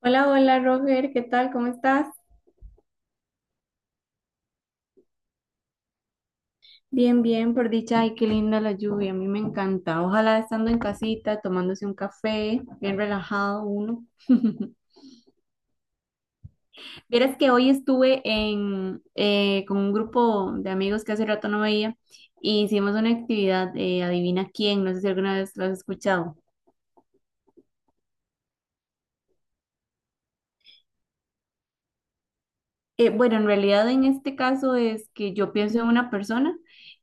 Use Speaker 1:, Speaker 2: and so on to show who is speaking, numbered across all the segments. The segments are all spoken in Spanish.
Speaker 1: Hola, hola Roger, ¿qué tal? ¿Cómo estás? Bien, bien, por dicha. Ay, qué linda la lluvia, a mí me encanta. Ojalá estando en casita, tomándose un café, bien relajado uno. Vieras que hoy estuve en, con un grupo de amigos que hace rato no veía y hicimos una actividad, adivina quién, no sé si alguna vez lo has escuchado. Bueno, en realidad en este caso es que yo pienso en una persona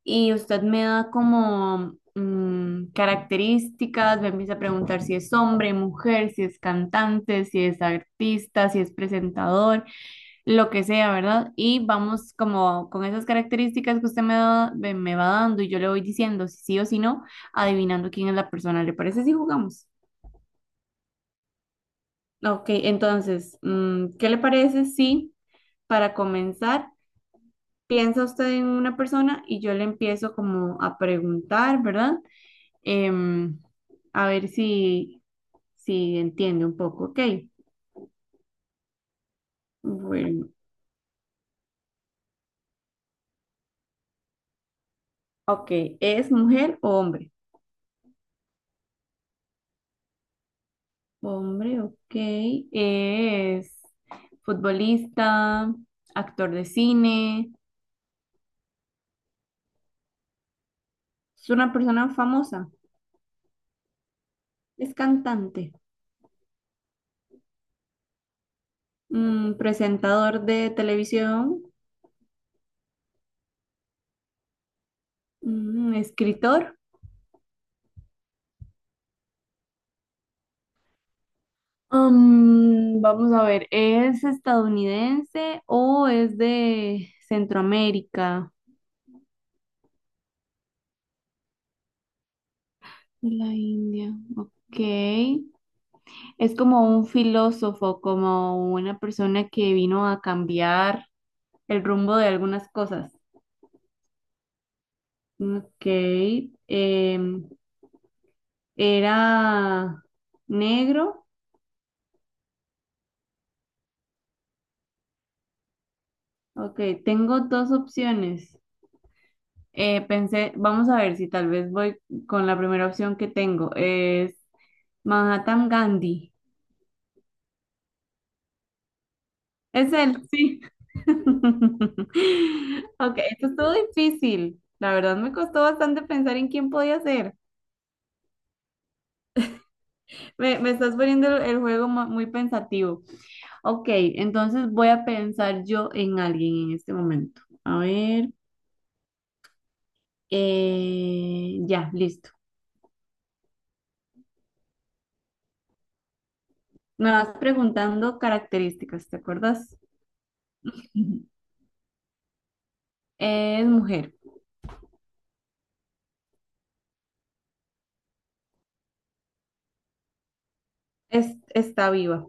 Speaker 1: y usted me da como características, me empieza a preguntar si es hombre, mujer, si es cantante, si es artista, si es presentador, lo que sea, ¿verdad? Y vamos como con esas características que usted me da- me me va dando y yo le voy diciendo si sí o si no, adivinando quién es la persona. ¿Le parece si jugamos? Ok, entonces, ¿qué le parece si para comenzar piensa usted en una persona y yo le empiezo como a preguntar, ¿verdad? Em, a ver si, si entiende un poco, ¿ok? Bueno, ok, ¿es mujer o hombre? Hombre, ok, es futbolista, actor de cine, es una persona famosa, es cantante, presentador de televisión, escritor. Mm, vamos a ver, ¿es estadounidense o es de Centroamérica? De la India, ok. Es como un filósofo, como una persona que vino a cambiar el rumbo de algunas cosas. Ok. em, Era negro. Ok, tengo dos opciones. Pensé, vamos a ver si tal vez voy con la primera opción que tengo. Es Manhattan Gandhi. Es él, sí. Ok, esto estuvo difícil. La verdad me costó bastante pensar en quién podía ser. Me estás poniendo el juego muy pensativo. Ok, entonces voy a pensar yo en alguien en este momento. A ver, ya, listo. Me vas preguntando características, ¿te acuerdas? Ujú. Es mujer, es, está viva.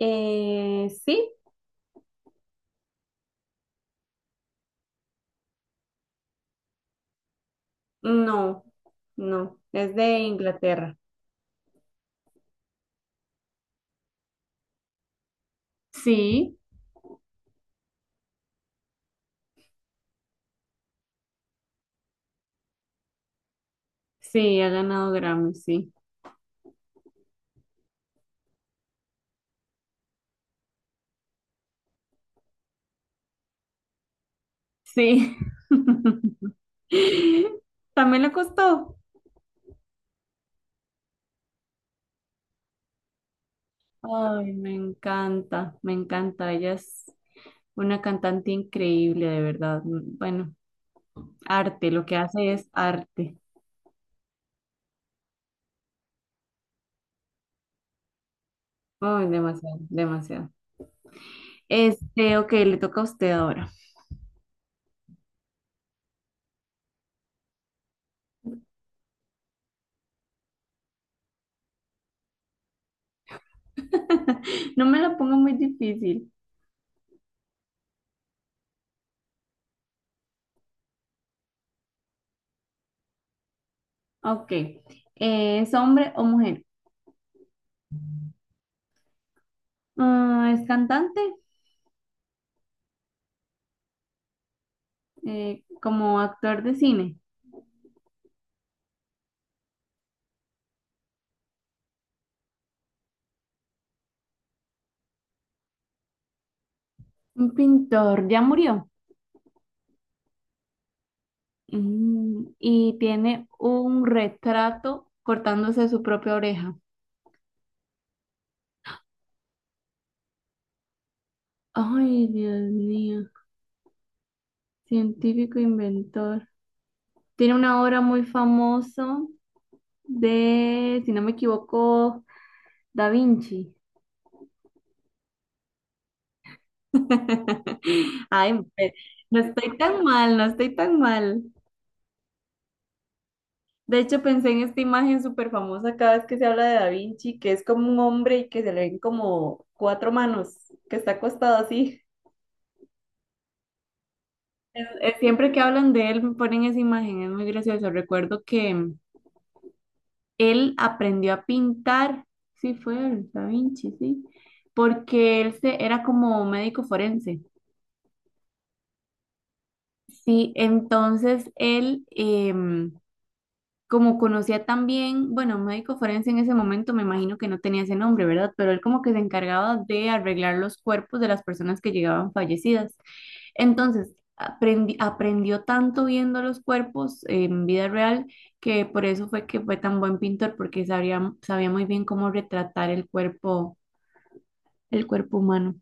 Speaker 1: Sí, no, no, es de Inglaterra. Sí. Sí, ha ganado Grammy, sí. Sí. También le costó. Ay, me encanta, me encanta. Ella es una cantante increíble, de verdad. Bueno, arte, lo que hace es arte. Ay, demasiado, demasiado. Este, ok, le toca a usted ahora. No me la ponga muy difícil. Ok. ¿Es hombre o mujer? Ah, ¿es cantante? ¿Como actor de cine? Un pintor, ya murió. Mm, y tiene un retrato cortándose su propia oreja. Ay, Dios mío. Científico inventor. Tiene una obra muy famosa de, si no me equivoco, Da Vinci. Ay, mujer, no estoy tan mal, no estoy tan mal. De hecho, pensé en esta imagen súper famosa cada vez que se habla de Da Vinci, que es como un hombre y que se le ven como cuatro manos, que está acostado así. Siempre que hablan de él me ponen esa imagen, es muy gracioso. Recuerdo que él aprendió a pintar, sí fue el Da Vinci, sí, porque él se, era como médico forense. Sí, entonces él, como conocía también, bueno, médico forense en ese momento me imagino que no tenía ese nombre, ¿verdad? Pero él como que se encargaba de arreglar los cuerpos de las personas que llegaban fallecidas. Entonces, aprendió tanto viendo los cuerpos en vida real que por eso fue que fue tan buen pintor, porque sabía, sabía muy bien cómo retratar el cuerpo humano.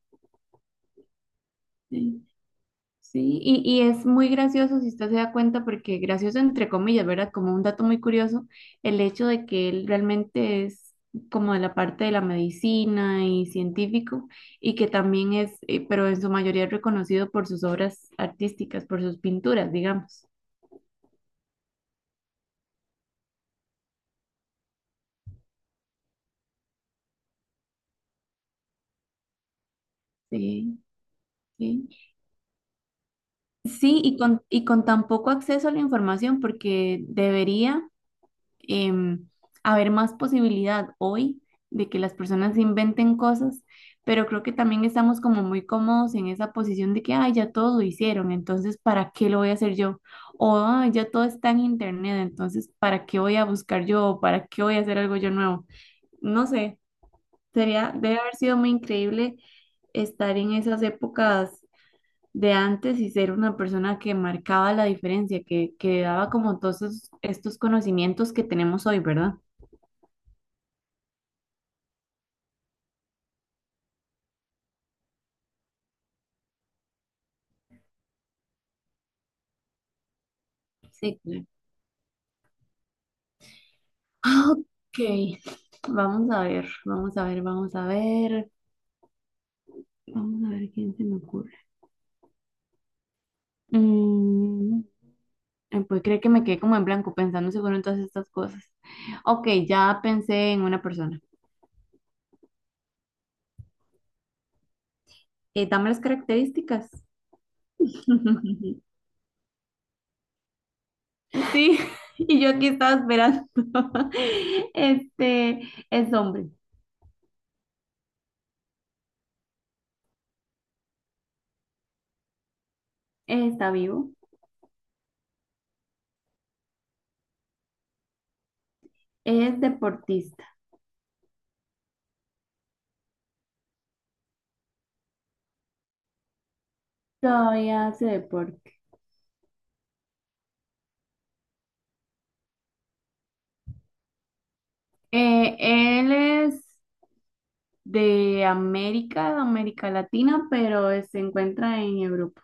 Speaker 1: Sí, y es muy gracioso si usted se da cuenta, porque gracioso entre comillas, ¿verdad? Como un dato muy curioso, el hecho de que él realmente es como de la parte de la medicina y científico, y que también es, pero en su mayoría es reconocido por sus obras artísticas, por sus pinturas, digamos. Sí, sí. Sí, y con tan poco acceso a la información, porque debería em, haber más posibilidad hoy de que las personas inventen cosas, pero creo que también estamos como muy cómodos en esa posición de que, ay, ya todos lo hicieron, entonces, ¿para qué lo voy a hacer yo? O, "Ay, ya todo está en internet, entonces, ¿para qué voy a buscar yo? ¿O ¿para qué voy a hacer algo yo nuevo? No sé, sería, debe haber sido muy increíble estar en esas épocas de antes y ser una persona que marcaba la diferencia, que daba como todos estos conocimientos que tenemos hoy, ¿verdad? Sí, claro. Ah, ok, vamos a ver, vamos a ver, vamos a ver, vamos a ver quién se me ocurre. Mm, pues creo que me quedé como en blanco pensando seguro en todas estas cosas. Ok, ya pensé en una persona. Dame las características. Sí, y yo aquí estaba esperando. Este es hombre, está vivo, es deportista, todavía hace deporte. Él es de América Latina, pero se encuentra en Europa.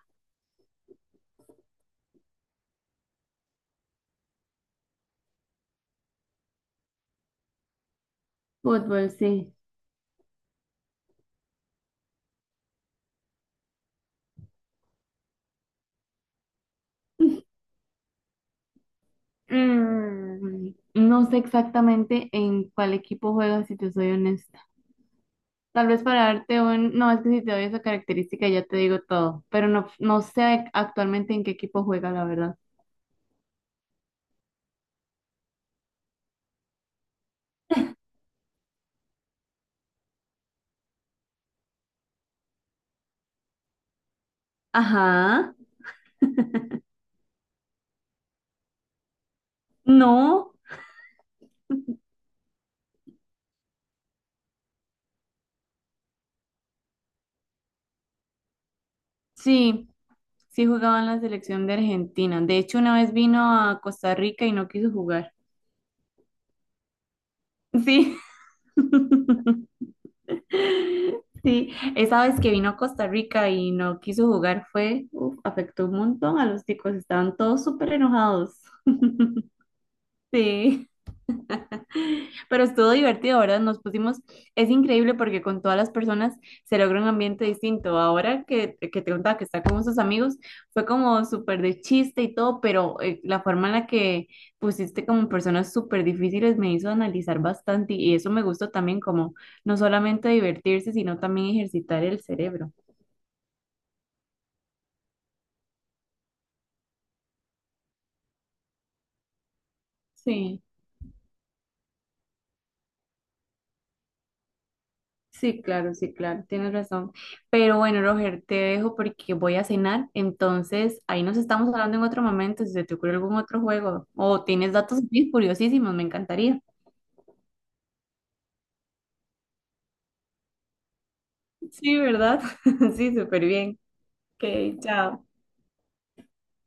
Speaker 1: Fútbol, sí. Mm, no sé exactamente en cuál equipo juega, si te soy honesta. Tal vez para darte un... No, es que si te doy esa característica ya te digo todo, pero no, no sé actualmente en qué equipo juega, la verdad. Ajá, no, sí, sí jugaba en la selección de Argentina. De hecho, una vez vino a Costa Rica y no quiso jugar. Sí. Sí, esa vez que vino a Costa Rica y no quiso jugar fue, uf, afectó un montón a los chicos, estaban todos súper enojados. Pero estuvo divertido, ¿verdad? Nos pusimos, es increíble porque con todas las personas se logra un ambiente distinto. Ahora que te contaba que está con sus amigos, fue como súper de chiste y todo, pero la forma en la que pusiste como personas súper difíciles me hizo analizar bastante y eso me gustó también como no solamente divertirse, sino también ejercitar el cerebro. Sí. Sí, claro, sí, claro, tienes razón. Pero bueno, Roger, te dejo porque voy a cenar. Entonces, ahí nos estamos hablando en otro momento, si se te ocurre algún otro juego o tienes datos bien curiosísimos, me encantaría. Sí, ¿verdad? Sí, súper bien. Ok, chao.